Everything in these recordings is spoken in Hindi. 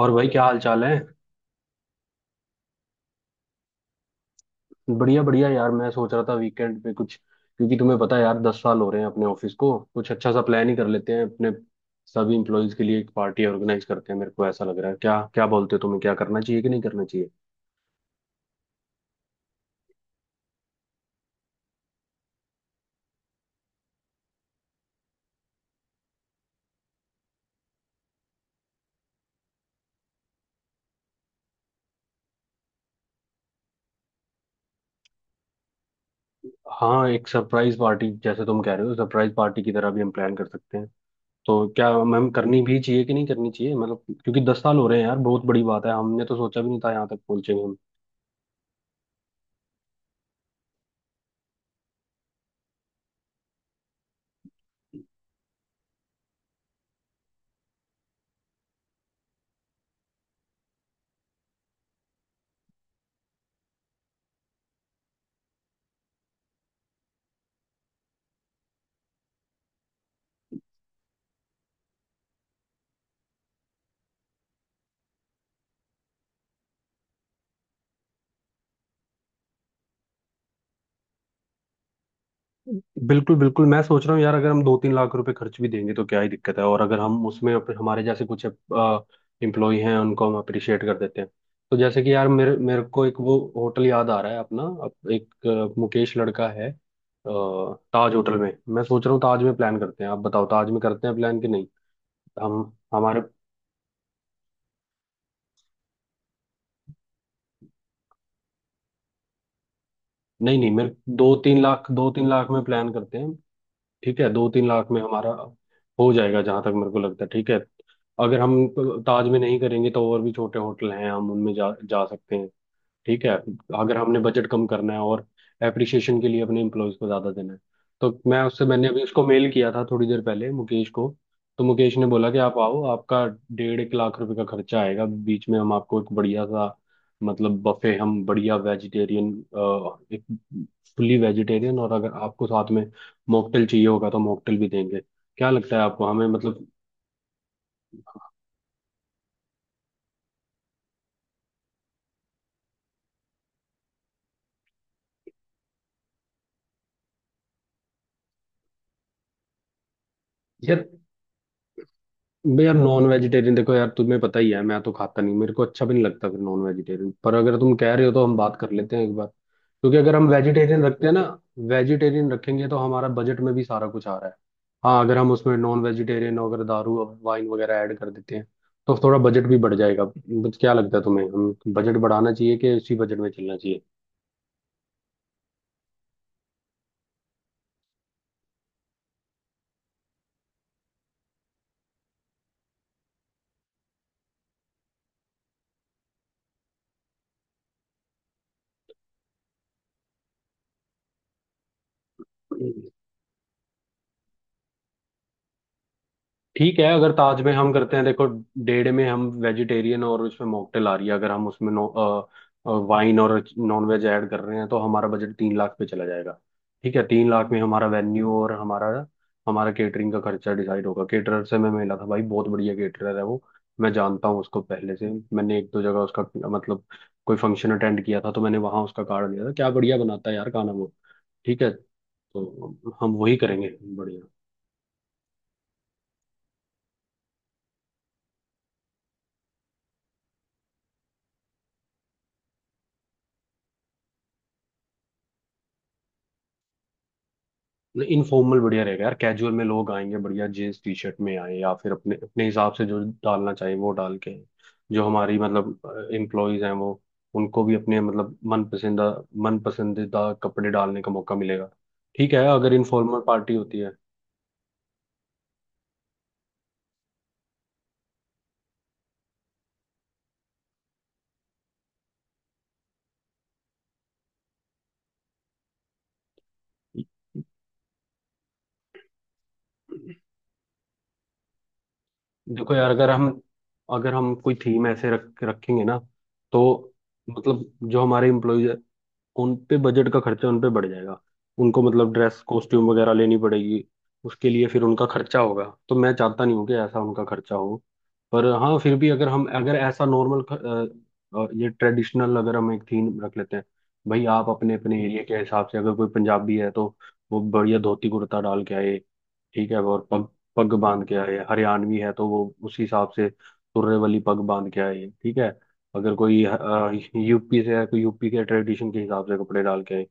और भाई, क्या हाल चाल है? बढ़िया बढ़िया यार, मैं सोच रहा था वीकेंड पे कुछ। क्योंकि तुम्हें पता है यार, 10 साल हो रहे हैं अपने ऑफिस को, कुछ अच्छा सा प्लान ही कर लेते हैं। अपने सभी इम्प्लॉयज के लिए एक पार्टी ऑर्गेनाइज करते हैं, मेरे को ऐसा लग रहा है। क्या क्या बोलते हो, तुम्हें क्या करना चाहिए कि नहीं करना चाहिए? हाँ, एक सरप्राइज पार्टी, जैसे तुम कह रहे हो, सरप्राइज पार्टी की तरह भी हम प्लान कर सकते हैं। तो क्या मैम, करनी भी चाहिए कि नहीं करनी चाहिए? मतलब क्योंकि 10 साल हो रहे हैं यार, बहुत बड़ी बात है, हमने तो सोचा भी नहीं था यहाँ तक पहुंचेंगे। बिल्कुल बिल्कुल, मैं सोच रहा हूँ यार, अगर हम 2-3 लाख रुपए खर्च भी देंगे तो क्या ही दिक्कत है। और अगर हम उसमें हमारे जैसे कुछ एम्प्लॉय हैं उनको हम अप्रिशिएट कर देते हैं। तो जैसे कि यार, मेरे मेरे को एक वो होटल याद आ रहा है अपना। एक मुकेश लड़का है, ताज होटल में। मैं सोच रहा हूँ, ताज में प्लान करते हैं। आप बताओ, ताज में करते हैं प्लान कि नहीं? हम हमारे नहीं नहीं, मेरे 2-3 लाख, दो तीन लाख में प्लान करते हैं। ठीक है, 2-3 लाख में हमारा हो जाएगा, जहां तक मेरे को लगता है। ठीक है, अगर हम ताज में नहीं करेंगे तो और भी छोटे होटल हैं, हम उनमें जा जा सकते हैं। ठीक है, अगर हमने बजट कम करना है और एप्रिसिएशन के लिए अपने एम्प्लॉयज को ज़्यादा देना है, तो मैं उससे, मैंने अभी उसको मेल किया था थोड़ी देर पहले, मुकेश को। तो मुकेश ने बोला कि आप आओ, आपका 1.5 लाख रुपए का खर्चा आएगा। बीच में हम आपको एक बढ़िया सा मतलब बफे, हम बढ़िया वेजिटेरियन एक फुल्ली वेजिटेरियन, और अगर आपको साथ में मॉकटेल चाहिए होगा तो मॉकटेल भी देंगे। क्या लगता है आपको, हमें मतलब? यार भाई यार, नॉन वेजिटेरियन देखो यार, तुम्हें पता ही है मैं तो खाता नहीं, मेरे को अच्छा भी नहीं लगता। फिर नॉन वेजिटेरियन पर अगर तुम कह रहे हो तो हम बात कर लेते हैं एक बार, क्योंकि अगर हम वेजिटेरियन रखते हैं ना, वेजिटेरियन रखेंगे तो हमारा बजट में भी सारा कुछ आ रहा है। हाँ, अगर हम उसमें नॉन वेजिटेरियन, अगर दारू और वाइन वगैरह ऐड कर देते हैं तो थोड़ा बजट भी बढ़ जाएगा। बट क्या लगता है तुम्हें, हम बजट बढ़ाना चाहिए कि उसी बजट में चलना चाहिए? ठीक है, अगर ताज में हम करते हैं देखो, डेढ़ में हम वेजिटेरियन और उसमें मॉकटेल आ रही है, अगर हम उसमें नो वाइन और नॉन वेज ऐड कर रहे हैं तो हमारा बजट 3 लाख पे चला जाएगा। ठीक है, 3 लाख में हमारा वेन्यू और हमारा हमारा केटरिंग का खर्चा डिसाइड होगा। केटरर से मैं मिला था भाई, बहुत बढ़िया केटरर है वो, मैं जानता हूँ उसको पहले से। मैंने एक दो जगह उसका मतलब कोई फंक्शन अटेंड किया था, तो मैंने वहां उसका कार्ड लिया था। क्या बढ़िया बनाता है यार खाना वो। ठीक है, तो हम वही करेंगे। बढ़िया। इनफॉर्मल बढ़िया रहेगा यार, कैजुअल में लोग आएंगे, बढ़िया जींस टी शर्ट में आए या फिर अपने अपने हिसाब से जो डालना चाहिए वो डाल के। जो हमारी मतलब एम्प्लॉयज हैं वो, उनको भी अपने मतलब मन पसंदीदा कपड़े डालने का मौका मिलेगा। ठीक है अगर इनफॉर्मल पार्टी होती है। देखो यार, अगर हम कोई थीम ऐसे रख रखेंगे ना, तो मतलब जो हमारे एम्प्लॉयज, उन पे बजट का खर्चा, उन पे बढ़ जाएगा। उनको मतलब ड्रेस कॉस्ट्यूम वगैरह लेनी पड़ेगी, उसके लिए फिर उनका खर्चा होगा। तो मैं चाहता नहीं हूँ कि ऐसा उनका खर्चा हो। पर हाँ, फिर भी अगर हम, अगर ऐसा नॉर्मल ये ट्रेडिशनल अगर हम एक थीम रख लेते हैं, भाई आप अपने अपने एरिया के हिसाब से, अगर कोई पंजाबी है तो वो बढ़िया धोती कुर्ता डाल के आए। ठीक है, और पग, पग बांध के आए। हरियाणवी है तो वो उसी हिसाब से तुर्रे वाली पग बांध के आए। ठीक है, अगर कोई यूपी से है, कोई यूपी के ट्रेडिशन के हिसाब से कपड़े डाल के आए।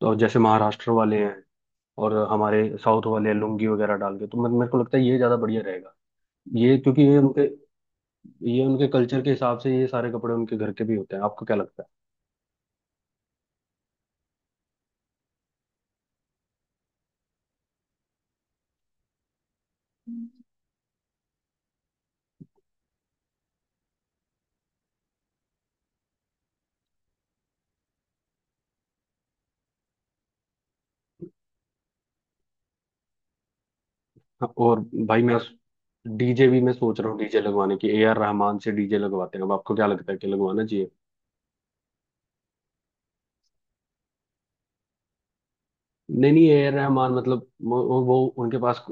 तो अब जैसे महाराष्ट्र वाले हैं और हमारे साउथ वाले हैं, लुंगी वगैरह डाल के। तो मेरे को लगता है ये ज्यादा बढ़िया रहेगा। ये क्योंकि ये उनके, ये उनके कल्चर के हिसाब से ये सारे कपड़े उनके घर के भी होते हैं। आपको क्या लगता है? हाँ, और भाई मैं, डीजे भी मैं सोच रहा हूँ डीजे लगवाने की, ए आर रहमान से डीजे लगवाते हैं। अब आपको क्या लगता है, कि लगवाना चाहिए? नहीं नहीं, ए रहमान मतलब वो उनके पास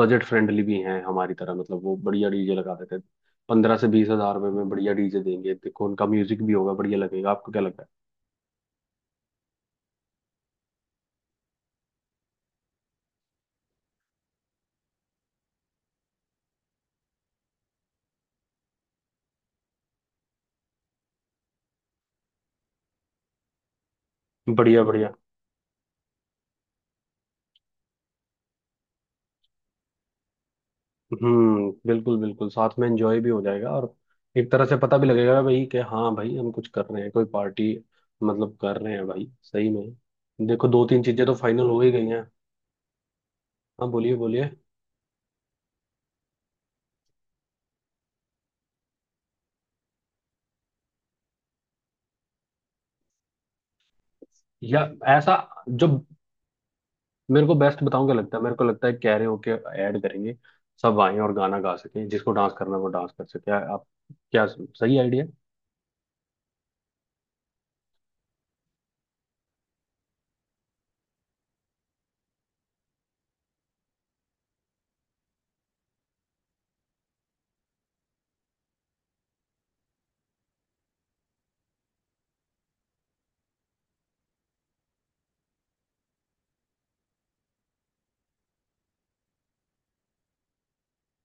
बजट फ्रेंडली भी हैं हमारी तरह। मतलब वो बढ़िया डीजे लगा देते हैं, 15 से 20 हजार रुपए में बढ़िया डीजे देंगे। देखो उनका म्यूजिक भी होगा, बढ़िया लगेगा। आपको क्या लगता? है बढ़िया बढ़िया। हम्म, बिल्कुल बिल्कुल। साथ में एंजॉय भी हो जाएगा और एक तरह से पता भी लगेगा भाई, कि हाँ भाई हम कुछ कर रहे हैं, कोई पार्टी मतलब कर रहे हैं भाई सही में। देखो, 2-3 चीजें तो फाइनल हो ही गई हैं। हाँ बोलिए बोलिए। या ऐसा जो, मेरे को बेस्ट बताऊं क्या लगता है, मेरे को लगता है कैरे होके ऐड करेंगे। सब आए और गाना गा सकें, जिसको डांस करना है वो डांस कर सके। आप क्या, सही आइडिया?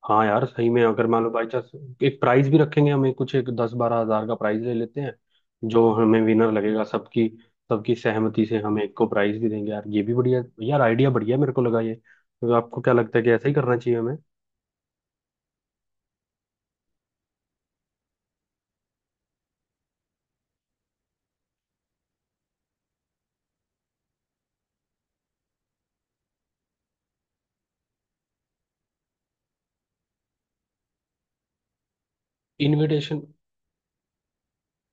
हाँ यार, सही में अगर मान लो बाई चांस एक प्राइज भी रखेंगे, हमें कुछ एक 10-12 हजार का प्राइज ले लेते हैं, जो हमें विनर लगेगा, सबकी सबकी सहमति से हम एक को प्राइज भी देंगे। यार ये भी बढ़िया यार आइडिया, बढ़िया मेरे को लगा ये तो। आपको क्या लगता है, कि ऐसा ही करना चाहिए हमें? इनविटेशन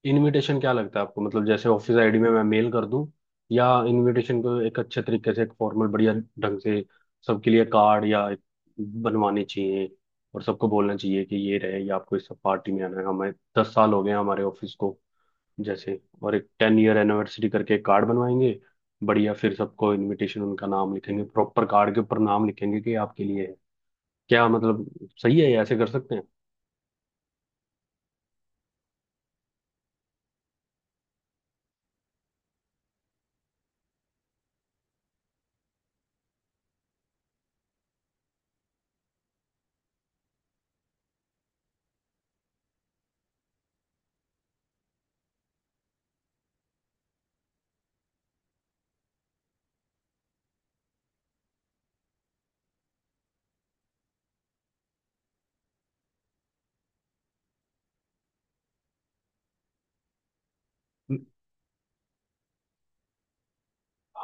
इनविटेशन क्या लगता है आपको, मतलब जैसे ऑफिस आईडी में मैं मेल कर दूं, या इनविटेशन को एक अच्छे तरीके से एक फॉर्मल बढ़िया ढंग से सबके लिए कार्ड या एक बनवाने चाहिए। और सबको बोलना चाहिए कि ये रहे, ये आपको इस पार्टी में आना है। हमें 10 साल हो गए हैं हमारे ऑफिस को, जैसे और एक 10 ईयर एनिवर्सरी करके एक कार्ड बनवाएंगे। बढ़िया, फिर सबको इनविटेशन, उनका नाम लिखेंगे प्रॉपर कार्ड के ऊपर, नाम लिखेंगे कि आपके लिए है। क्या मतलब सही है ये, ऐसे कर सकते हैं?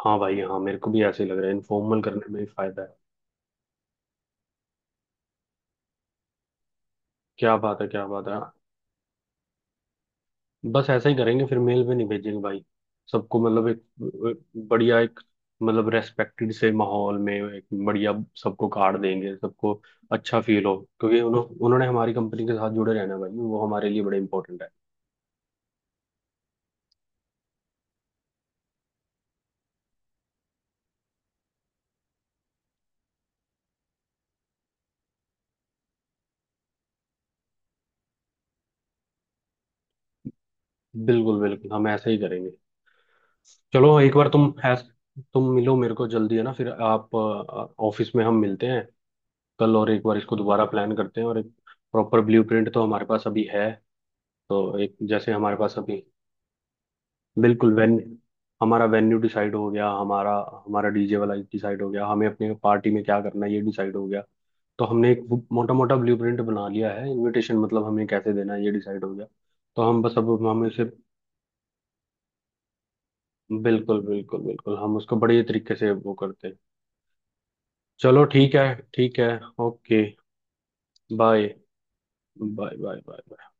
हाँ भाई हाँ, मेरे को भी ऐसे ही लग रहा है, इनफॉर्मल करने में ही फायदा है। क्या बात है, क्या बात है। बस ऐसा ही करेंगे, फिर मेल पे नहीं भेजेंगे भाई। सबको मतलब एक, एक बढ़िया एक मतलब रेस्पेक्टेड से माहौल में एक बढ़िया सबको कार्ड देंगे, सबको अच्छा फील हो। क्योंकि उन्होंने हमारी कंपनी के साथ जुड़े रहना है भाई, वो हमारे लिए बड़े इंपॉर्टेंट है। बिल्कुल बिल्कुल हम ऐसा ही करेंगे। चलो एक बार तुम ऐस तुम मिलो, मेरे को जल्दी है ना। फिर आप ऑफिस में हम मिलते हैं कल, और एक बार इसको दोबारा प्लान करते हैं। और एक प्रॉपर ब्लूप्रिंट तो हमारे पास अभी है, तो एक जैसे हमारे पास अभी, बिल्कुल। वेन हमारा वेन्यू डिसाइड हो गया, हमारा, हमारा डीजे वाला डिसाइड हो गया, हमें अपने पार्टी में क्या करना है ये डिसाइड हो गया। तो हमने एक मोटा मोटा ब्लूप्रिंट बना लिया है। इनविटेशन मतलब हमें कैसे देना है ये डिसाइड हो गया। तो हम बस अब हम उसे, बिल्कुल बिल्कुल बिल्कुल हम उसको बड़े तरीके से वो करते हैं। चलो ठीक है। ठीक है। Okay. Bye. Bye bye bye